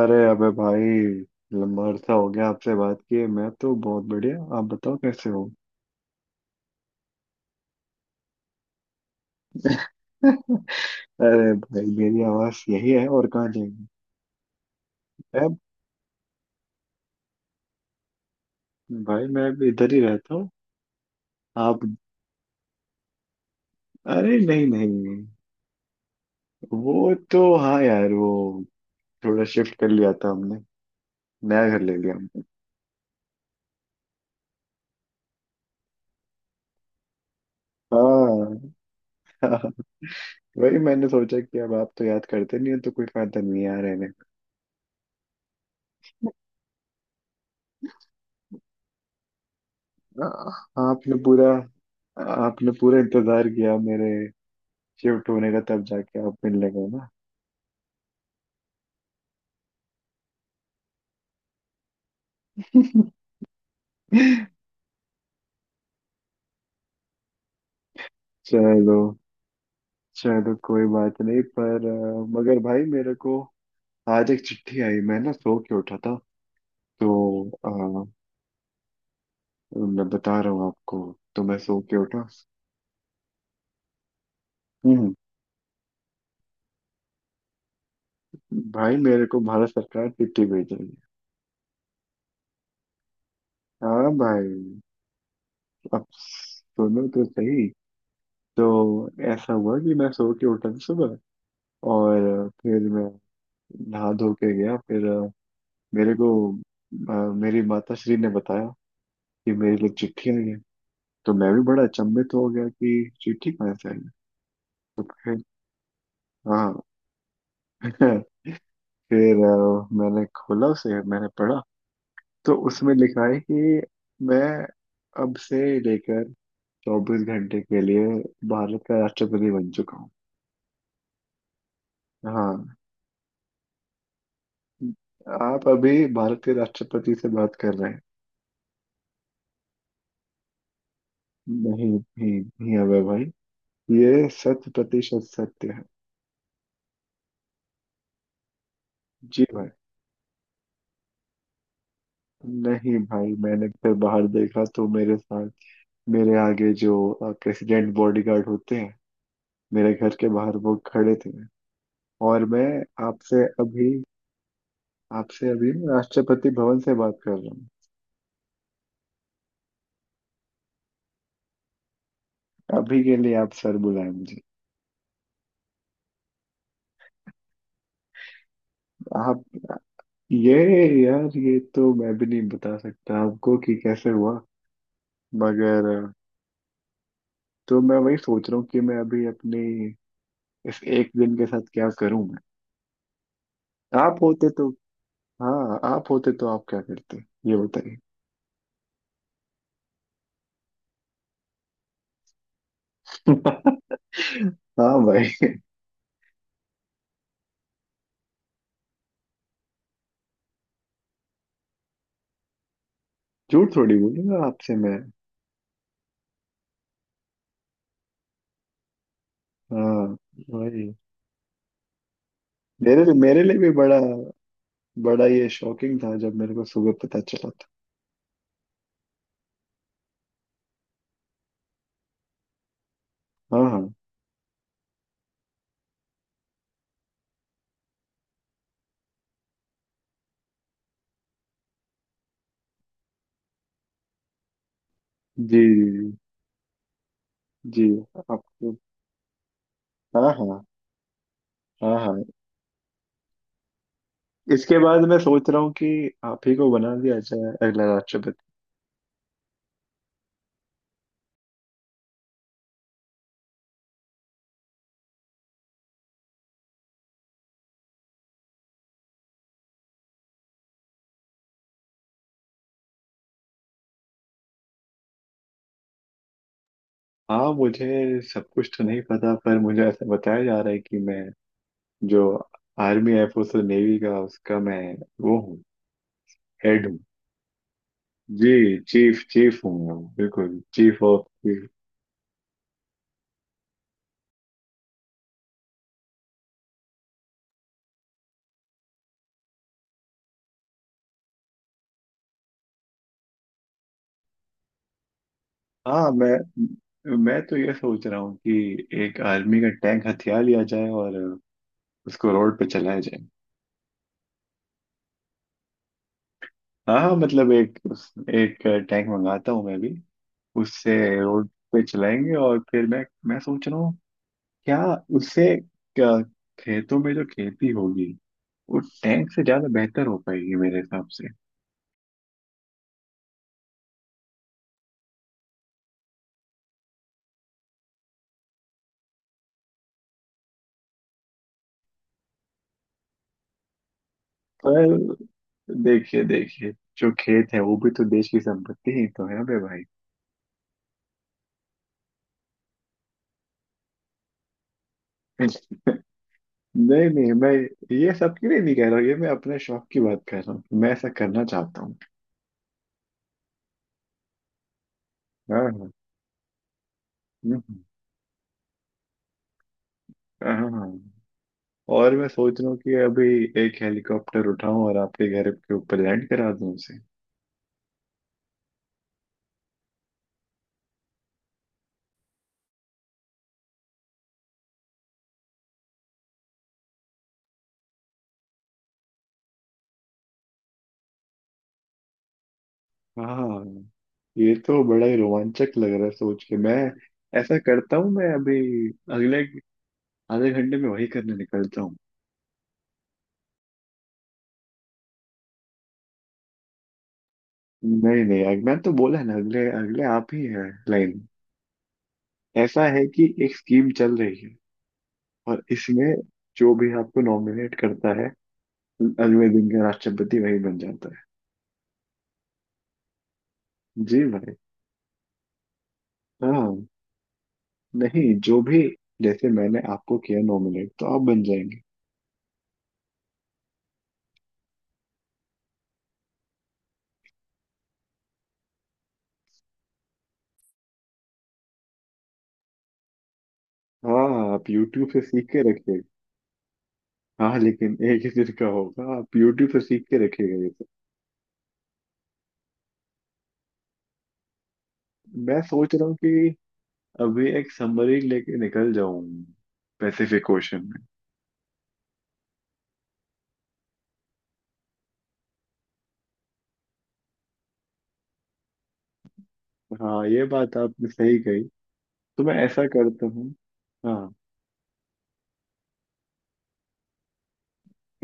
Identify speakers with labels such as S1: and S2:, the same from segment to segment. S1: अरे अबे भाई लंबा अरसा हो गया आपसे बात किए। मैं तो बहुत बढ़िया। आप बताओ कैसे हो। अरे भाई मेरी आवाज यही है और कहाँ जाएंगे। अब भाई मैं भी इधर ही रहता हूँ। आप? अरे नहीं नहीं वो तो हाँ यार वो थोड़ा शिफ्ट कर लिया था हमने। नया घर ले लिया हमने। हाँ। वही मैंने सोचा कि अब आप तो याद करते नहीं हो तो कोई फायदा नहीं है यहाँ रहने का। आपने पूरा इंतजार किया मेरे शिफ्ट होने का तब जाके आप मिलने गए ना। चलो चलो कोई बात नहीं पर मगर भाई मेरे को आज एक चिट्ठी आई। मैं ना सो के उठा था। तो अ, मैं बता रहा हूँ आपको। तो मैं सो के उठा। हम्म। भाई मेरे को भारत सरकार चिट्ठी भेज रही है। हाँ भाई। अब सुनो तो सही। तो ऐसा हुआ कि मैं सो के उठा था सुबह और फिर मैं नहा धो के गया। फिर मेरे को अ, मेरी माता श्री ने बताया कि मेरे लिए चिट्ठी आई है। तो मैं भी बड़ा अचंभित हो गया कि चिट्ठी कहाँ से आई है। तो फिर। हाँ। फिर मैंने खोला उसे। मैंने पढ़ा तो उसमें लिखा है कि मैं अब से लेकर 24 घंटे के लिए भारत का राष्ट्रपति बन चुका हूँ। हाँ। आप अभी भारत के राष्ट्रपति से बात कर रहे हैं। नहीं नहीं नहीं अबे भाई ये 100% सत्य है। जी भाई। नहीं भाई मैंने फिर बाहर देखा तो मेरे साथ मेरे आगे जो प्रेसिडेंट बॉडीगार्ड होते हैं मेरे घर के बाहर वो खड़े थे। और मैं आपसे अभी आपसे अभी ना राष्ट्रपति भवन से बात कर रहा हूँ। अभी के लिए आप सर बुलाए मुझे। आप ये यार ये तो मैं भी नहीं बता सकता आपको कि कैसे हुआ। मगर। तो मैं वही सोच रहा हूँ कि मैं अभी अपनी इस एक दिन के साथ क्या करूँ मैं। आप होते तो हाँ। आप होते तो आप क्या करते, ये बताइए। हाँ भाई। झूठ थोड़ी बोलूंगा आपसे मैं। हाँ भाई। मेरे लिए भी बड़ा बड़ा ये शॉकिंग था जब मेरे को सुबह पता चला था। हाँ हाँ। जी जी जी। आपको। हाँ हाँ। हाँ हाँ। इसके बाद मैं सोच रहा हूँ कि आप ही को बना दिया जाए अगला राष्ट्रपति। हाँ मुझे सब कुछ तो नहीं पता पर मुझे ऐसा बताया जा रहा है कि मैं जो आर्मी एयरफोर्स और नेवी का उसका मैं वो हूँ। हेड। जी चीफ चीफ हूँ मैं बिल्कुल चीफ ऑफ चीफ। हाँ मैं तो ये सोच रहा हूँ कि एक आर्मी का टैंक हथियार लिया जाए और उसको रोड पे चलाया जाए। हाँ हाँ मतलब एक टैंक मंगाता हूँ मैं भी। उससे रोड पे चलाएंगे। और फिर मैं सोच रहा हूँ क्या उससे क्या खेतों में जो खेती होगी वो टैंक से ज्यादा बेहतर हो पाएगी मेरे हिसाब से। पर देखिए देखिए जो खेत है वो भी तो देश की संपत्ति ही तो है बे भाई। नहीं नहीं मैं ये सबके लिए नहीं कह रहा हूँ। ये मैं अपने शौक की बात कर रहा हूँ। मैं ऐसा करना चाहता हूँ। हाँ हाँ। हम्म, हाँ हाँ। हाँ। और मैं सोच रहा हूँ कि अभी एक हेलीकॉप्टर उठाऊं और आपके घर के ऊपर लैंड करा दूं उसे। हाँ ये तो बड़ा ही रोमांचक लग रहा है सोच के। मैं ऐसा करता हूँ मैं अभी अगले आधे घंटे में वही करने निकलता हूँ। नहीं नहीं मैं तो बोला ना अगले अगले आप ही है। लाइन। ऐसा है कि एक स्कीम चल रही है और इसमें जो भी आपको नॉमिनेट करता है अगले दिन का राष्ट्रपति वही बन जाता है। जी भाई। हाँ। नहीं जो भी जैसे मैंने आपको किया नॉमिनेट तो आप बन जाएंगे। हाँ आप यूट्यूब से सीख के रखिएगा। हाँ लेकिन एक ही दिन का होगा। आप यूट्यूब से सीख के रखिएगा ये सब। मैं सोच रहा हूँ कि अभी एक समरी लेके निकल जाऊं। Pacific ocean. हाँ ये बात आपने सही कही। तो मैं ऐसा करता हूँ। हाँ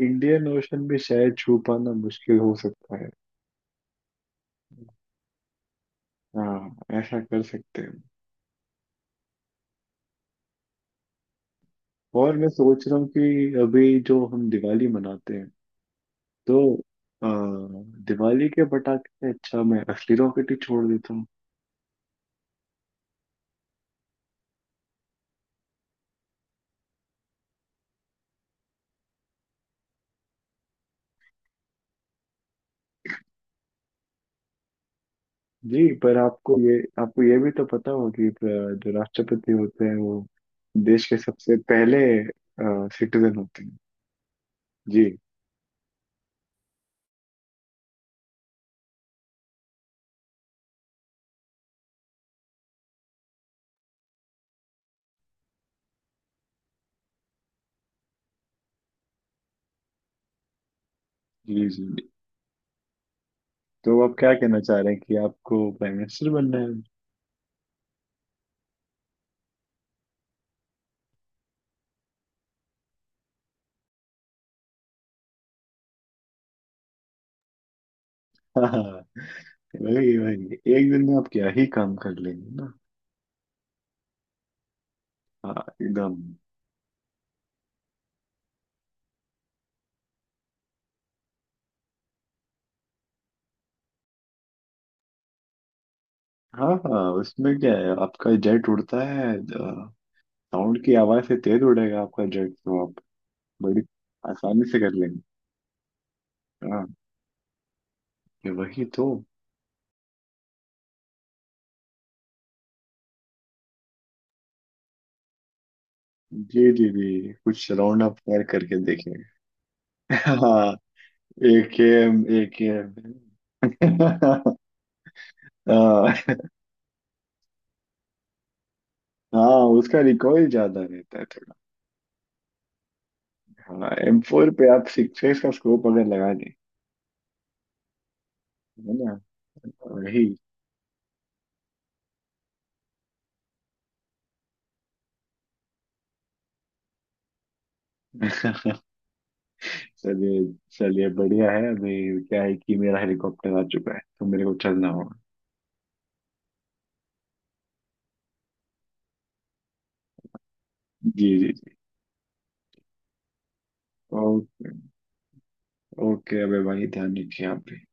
S1: इंडियन ओशन भी शायद छू पाना मुश्किल हो सकता है। हाँ ऐसा कर सकते हैं। और मैं सोच रहा हूँ कि अभी जो हम दिवाली मनाते हैं तो आ, दिवाली के पटाखे से अच्छा मैं असली रॉकेट ही छोड़ देता हूँ। जी पर आपको ये भी तो पता होगा कि जो राष्ट्रपति होते हैं वो देश के सबसे पहले सिटीजन होते हैं। जी जी जी। तो आप क्या कहना चाह रहे हैं कि आपको प्राइम मिनिस्टर बनना है। हाँ वही वही एक दिन में आप क्या ही काम कर लेंगे ना। हाँ एकदम। हाँ हाँ उसमें क्या है आपका जेट उड़ता है। साउंड की आवाज से तेज उड़ेगा आपका जेट तो आप बड़ी आसानी से कर लेंगे। हाँ ये वही तो। जी जी जी कुछ राउंड अप फायर करके देखेंगे। हाँ एक एम एक एम। हाँ, हाँ, उसका रिकॉइल ज्यादा रहता है। हाँ M4 पे आप सिक्सेस का स्कोप अगर लगा दें है ना। वही। चलिए चलिए बढ़िया है। अभी क्या है कि मेरा हेलीकॉप्टर आ चुका है तो मेरे को चलना होगा। जी जी जी। ओके। ओके अबे भाई ध्यान रखिए आप भी।